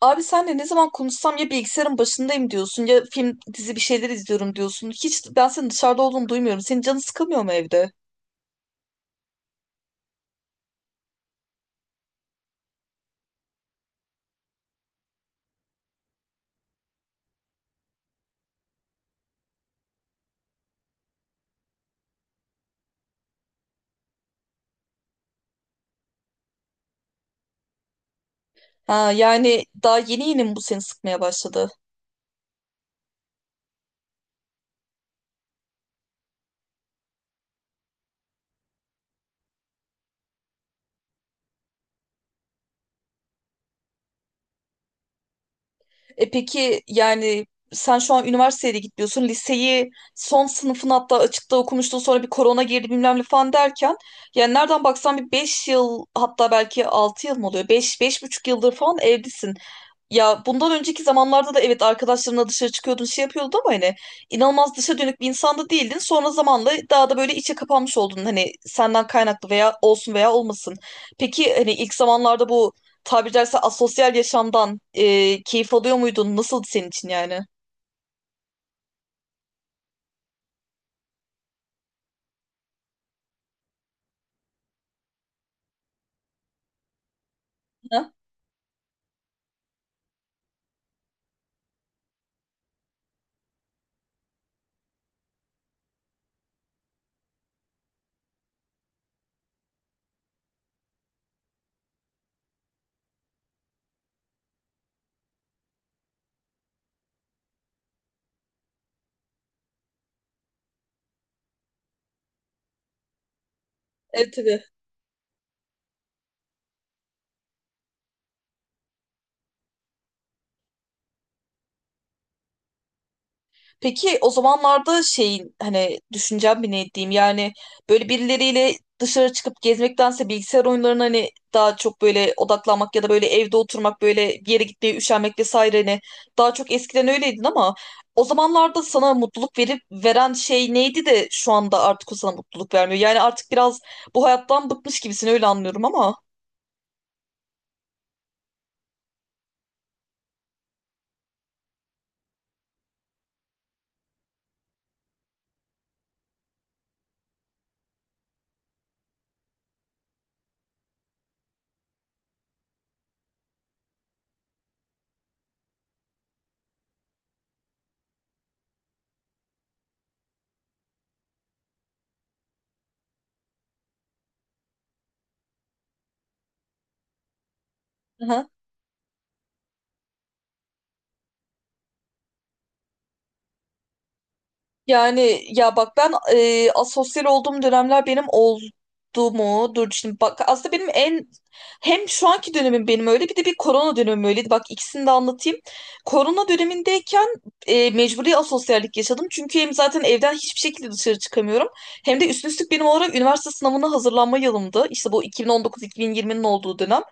Abi senle ne zaman konuşsam ya bilgisayarın başındayım diyorsun ya film dizi bir şeyler izliyorum diyorsun. Hiç ben senin dışarıda olduğunu duymuyorum. Senin canın sıkılmıyor mu evde? Ha, yani daha yeni yeni mi bu seni sıkmaya başladı? E peki yani sen şu an üniversiteye de gitmiyorsun. Liseyi son sınıfın hatta açıkta okumuştun, sonra bir korona girdi bilmem ne falan derken. Yani nereden baksan bir 5 yıl hatta belki 6 yıl mı oluyor? Beş, beş buçuk yıldır falan evdesin. Ya bundan önceki zamanlarda da evet arkadaşlarımla dışarı çıkıyordun, şey yapıyordun ama hani inanılmaz dışa dönük bir insan da değildin. Sonra zamanla daha da böyle içe kapanmış oldun, hani senden kaynaklı veya olsun veya olmasın. Peki hani ilk zamanlarda bu, tabiri caizse, asosyal yaşamdan keyif alıyor muydun? Nasıldı senin için yani? Ha? Evet, tabii. Peki o zamanlarda şeyin hani düşüncem bir ne diyeyim yani böyle birileriyle dışarı çıkıp gezmektense bilgisayar oyunlarına hani daha çok böyle odaklanmak ya da böyle evde oturmak, böyle bir yere gitmeye üşenmek vesaire, hani daha çok eskiden öyleydin ama o zamanlarda sana mutluluk verip veren şey neydi de şu anda artık o sana mutluluk vermiyor. Yani artık biraz bu hayattan bıkmış gibisin, öyle anlıyorum ama. Yani ya bak ben asosyal olduğum dönemler benim oldu mu? Dur şimdi bak, aslında benim en, hem şu anki dönemim benim öyle bir de bir korona dönemim öyleydi. Bak ikisini de anlatayım. Korona dönemindeyken mecburi asosyallik yaşadım. Çünkü hem zaten evden hiçbir şekilde dışarı çıkamıyorum. Hem de üstüne üstlük benim olarak üniversite sınavına hazırlanma yılımdı. İşte bu 2019-2020'nin olduğu dönem.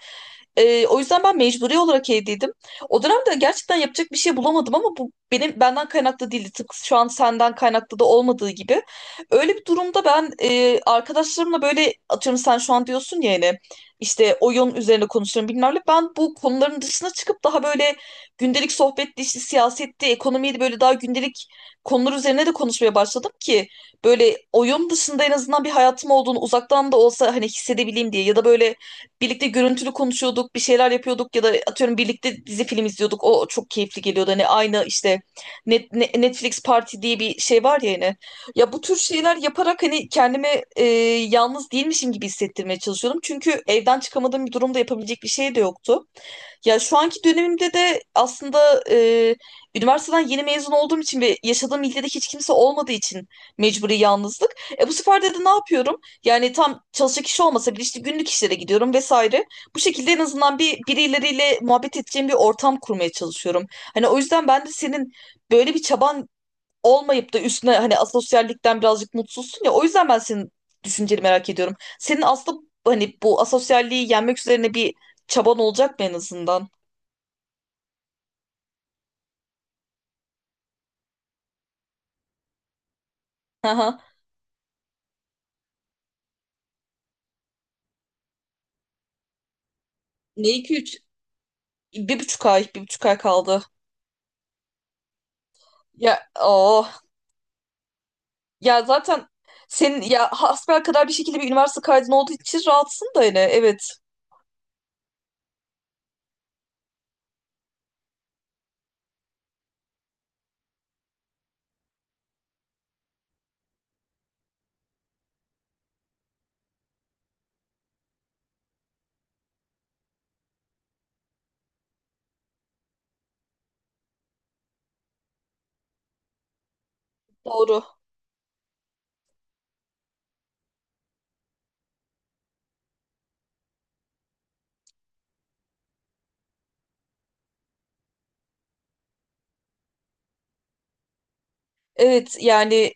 O yüzden ben mecburi olarak evdeydim. O dönemde gerçekten yapacak bir şey bulamadım ama bu benim benden kaynaklı değildi. Tıpkı şu an senden kaynaklı da olmadığı gibi. Öyle bir durumda ben arkadaşlarımla böyle atıyorum sen şu an diyorsun ya hani işte oyun üzerine konuşuyorum bilmem ne. Ben bu konuların dışına çıkıp daha böyle gündelik sohbetti, işte siyasetti, ekonomiydi böyle daha gündelik konular üzerine de konuşmaya başladım ki böyle oyun dışında en azından bir hayatım olduğunu uzaktan da olsa hani hissedebileyim diye, ya da böyle birlikte görüntülü konuşuyorduk, bir şeyler yapıyorduk ya da atıyorum birlikte dizi film izliyorduk. O çok keyifli geliyordu. Hani aynı işte Netflix Party diye bir şey var ya yine. Ya bu tür şeyler yaparak hani kendimi e, yalnız değilmişim gibi hissettirmeye çalışıyordum. Çünkü evden çıkamadığım bir durumda yapabilecek bir şey de yoktu. Ya şu anki dönemimde de aslında üniversiteden yeni mezun olduğum için ve yaşadığım ilde de hiç kimse olmadığı için mecburi yalnızlık. E bu sefer de ne yapıyorum? Yani tam çalışacak kişi olmasa bile işte günlük işlere gidiyorum vesaire. Bu şekilde en azından bir birileriyle muhabbet edeceğim bir ortam kurmaya çalışıyorum. Hani o yüzden ben de senin böyle bir çaban olmayıp da üstüne hani asosyallikten birazcık mutsuzsun ya. O yüzden ben senin düşünceni merak ediyorum. Senin aslında hani bu asosyalliği yenmek üzerine bir çaban olacak mı en azından? Aha. Ne iki üç? 1,5 ay, 1,5 ay kaldı. Ya o Ya zaten senin ya hasbel kadar bir şekilde bir üniversite kaydın olduğu için rahatsın da yine. Evet. Doğru. Evet yani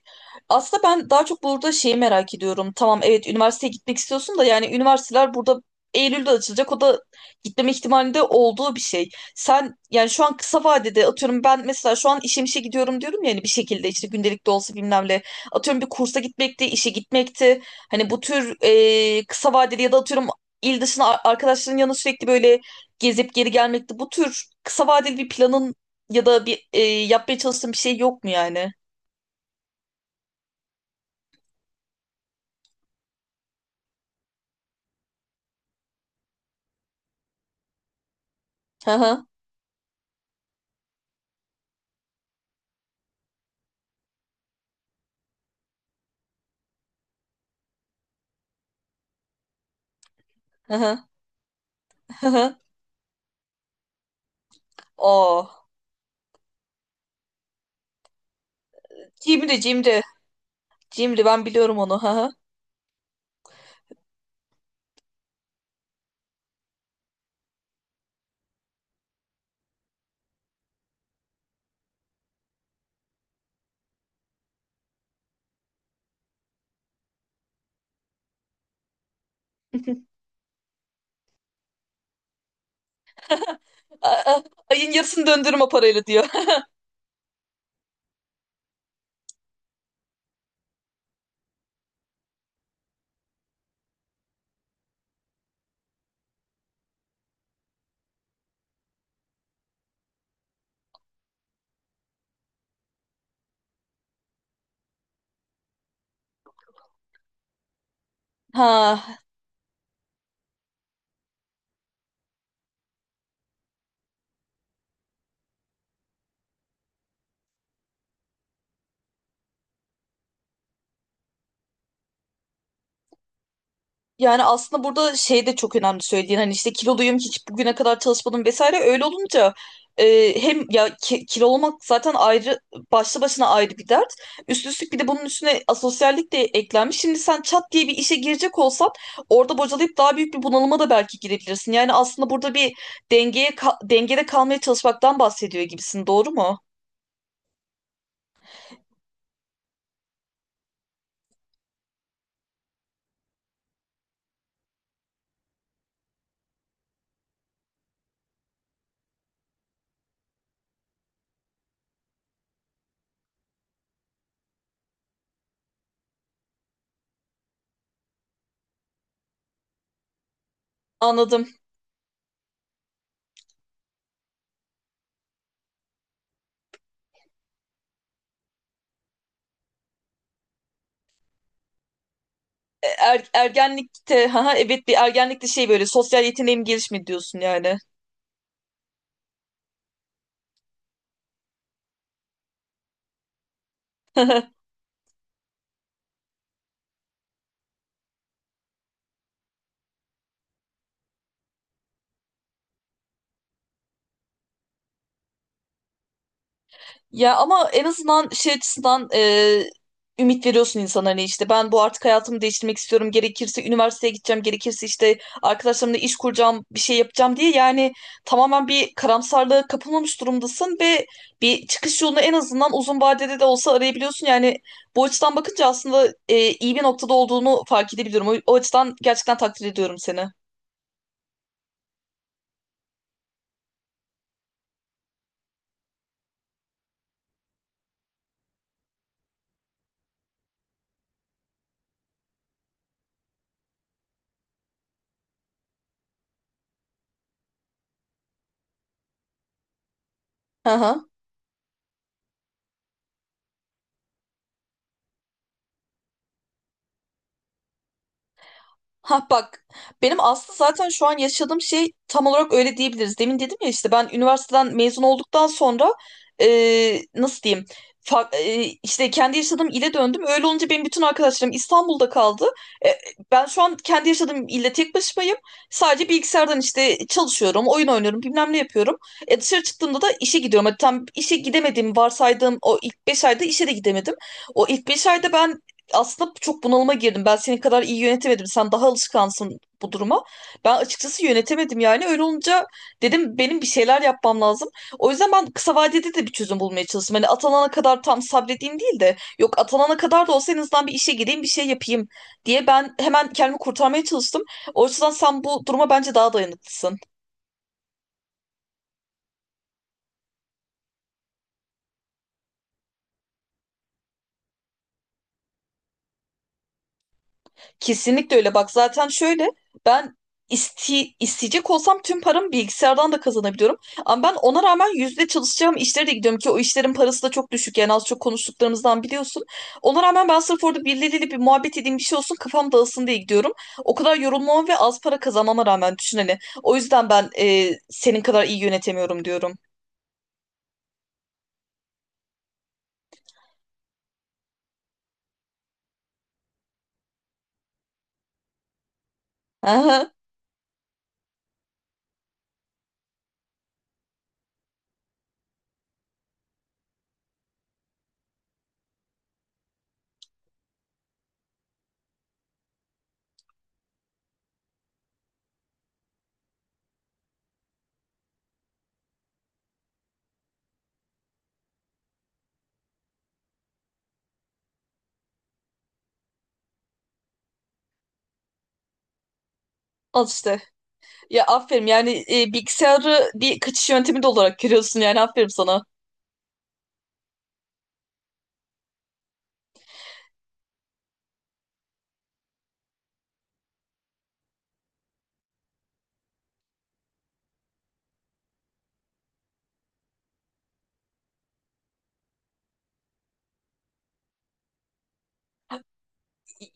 aslında ben daha çok burada şeyi merak ediyorum. Tamam, evet, üniversiteye gitmek istiyorsun da yani üniversiteler burada Eylül'de açılacak. O da gitmeme ihtimalinde olduğu bir şey. Sen yani şu an kısa vadede atıyorum ben mesela şu an işe gidiyorum diyorum ya hani bir şekilde işte gündelik de olsa bilmem ne. Atıyorum bir kursa gitmekti, işe gitmekti. Hani bu tür kısa vadeli ya da atıyorum il dışına arkadaşların yanına sürekli böyle gezip geri gelmekti. Bu tür kısa vadeli bir planın ya da bir yapmaya çalıştığın bir şey yok mu yani? Hı hı, hı hı, hı hı. Oo. Cimri cimri. Cimri, ben biliyorum onu. Hı hı. Aa, ayın yarısını döndürüm o parayla diyor. Ha. Yani aslında burada şey de çok önemli söylediğin hani işte kiloluyum, hiç bugüne kadar çalışmadım vesaire, öyle olunca hem ya ki, kilo olmak zaten ayrı, başlı başına ayrı bir dert. Üst üstlük bir de bunun üstüne asosyallik de eklenmiş. Şimdi sen çat diye bir işe girecek olsan orada bocalayıp daha büyük bir bunalıma da belki girebilirsin. Yani aslında burada bir dengeye dengede kalmaya çalışmaktan bahsediyor gibisin, doğru mu? Anladım. Ergenlikte, haha, evet, bir ergenlikte şey böyle sosyal yeteneğim gelişmedi diyorsun yani. Ya ama en azından şey açısından ümit veriyorsun insana, hani işte ben bu artık hayatımı değiştirmek istiyorum, gerekirse üniversiteye gideceğim, gerekirse işte arkadaşlarımla iş kuracağım, bir şey yapacağım diye. Yani tamamen bir karamsarlığa kapılmamış durumdasın ve bir çıkış yolunu en azından uzun vadede de olsa arayabiliyorsun. Yani bu açıdan bakınca aslında iyi bir noktada olduğunu fark edebiliyorum. O açıdan gerçekten takdir ediyorum seni. Hı hı. Ha bak, benim aslında zaten şu an yaşadığım şey tam olarak öyle diyebiliriz. Demin dedim ya işte ben üniversiteden mezun olduktan sonra nasıl diyeyim, işte kendi yaşadığım ile döndüm. Öyle olunca benim bütün arkadaşlarım İstanbul'da kaldı. E, Ben şu an kendi yaşadığım ilde tek başımayım. Sadece bilgisayardan işte çalışıyorum, oyun oynuyorum, bilmem ne yapıyorum. Dışarı çıktığımda da işe gidiyorum. Hadi tam işe gidemediğim varsaydığım o ilk 5 ayda işe de gidemedim. O ilk 5 ayda ben aslında çok bunalıma girdim. Ben senin kadar iyi yönetemedim. Sen daha alışkansın bu duruma. Ben açıkçası yönetemedim yani. Öyle olunca dedim benim bir şeyler yapmam lazım. O yüzden ben kısa vadede de bir çözüm bulmaya çalıştım. Hani atanana kadar tam sabredeyim değil de, yok atanana kadar da olsa en azından bir işe gireyim, bir şey yapayım diye ben hemen kendimi kurtarmaya çalıştım. O yüzden sen bu duruma bence daha dayanıklısın. Kesinlikle öyle. Bak, zaten şöyle, ben isteyecek olsam tüm paramı bilgisayardan da kazanabiliyorum. Ama ben ona rağmen yüzde çalışacağım işlere de gidiyorum ki o işlerin parası da çok düşük. Yani az çok konuştuklarımızdan biliyorsun. Ona rağmen ben sırf orada birileriyle bir muhabbet edeyim, bir şey olsun, kafam dağılsın diye gidiyorum. O kadar yorulmama ve az para kazanmama rağmen, düşün hani. O yüzden ben senin kadar iyi yönetemiyorum diyorum. Aha, al işte. Ya aferin yani, bilgisayarı bir kaçış yöntemi de olarak görüyorsun yani, aferin sana.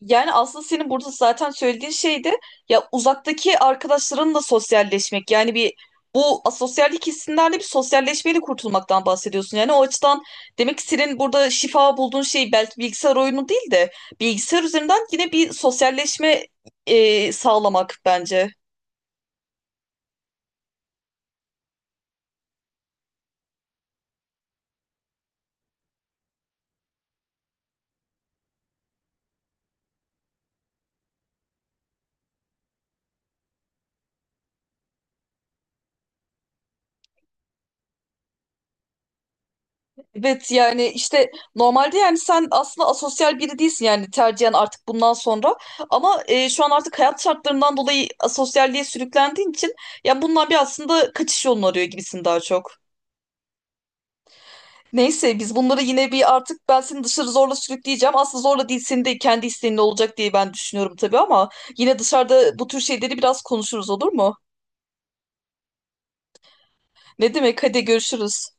Yani aslında senin burada zaten söylediğin şey de ya uzaktaki arkadaşlarınla sosyalleşmek. Yani bir, bu asosyallik hissinden de bir sosyalleşmeyle kurtulmaktan bahsediyorsun. Yani o açıdan demek ki senin burada şifa bulduğun şey belki bilgisayar oyunu değil de bilgisayar üzerinden yine bir sosyalleşme sağlamak, bence. Evet yani işte normalde, yani sen aslında asosyal biri değilsin yani tercihen artık bundan sonra, ama şu an artık hayat şartlarından dolayı asosyalliğe sürüklendiğin için ya bundan bir aslında kaçış yolunu arıyor gibisin daha çok. Neyse, biz bunları yine bir, artık ben seni dışarı zorla sürükleyeceğim. Aslında zorla değil, senin de kendi isteğinle olacak diye ben düşünüyorum tabii ama yine dışarıda bu tür şeyleri biraz konuşuruz, olur mu? Ne demek, hadi görüşürüz.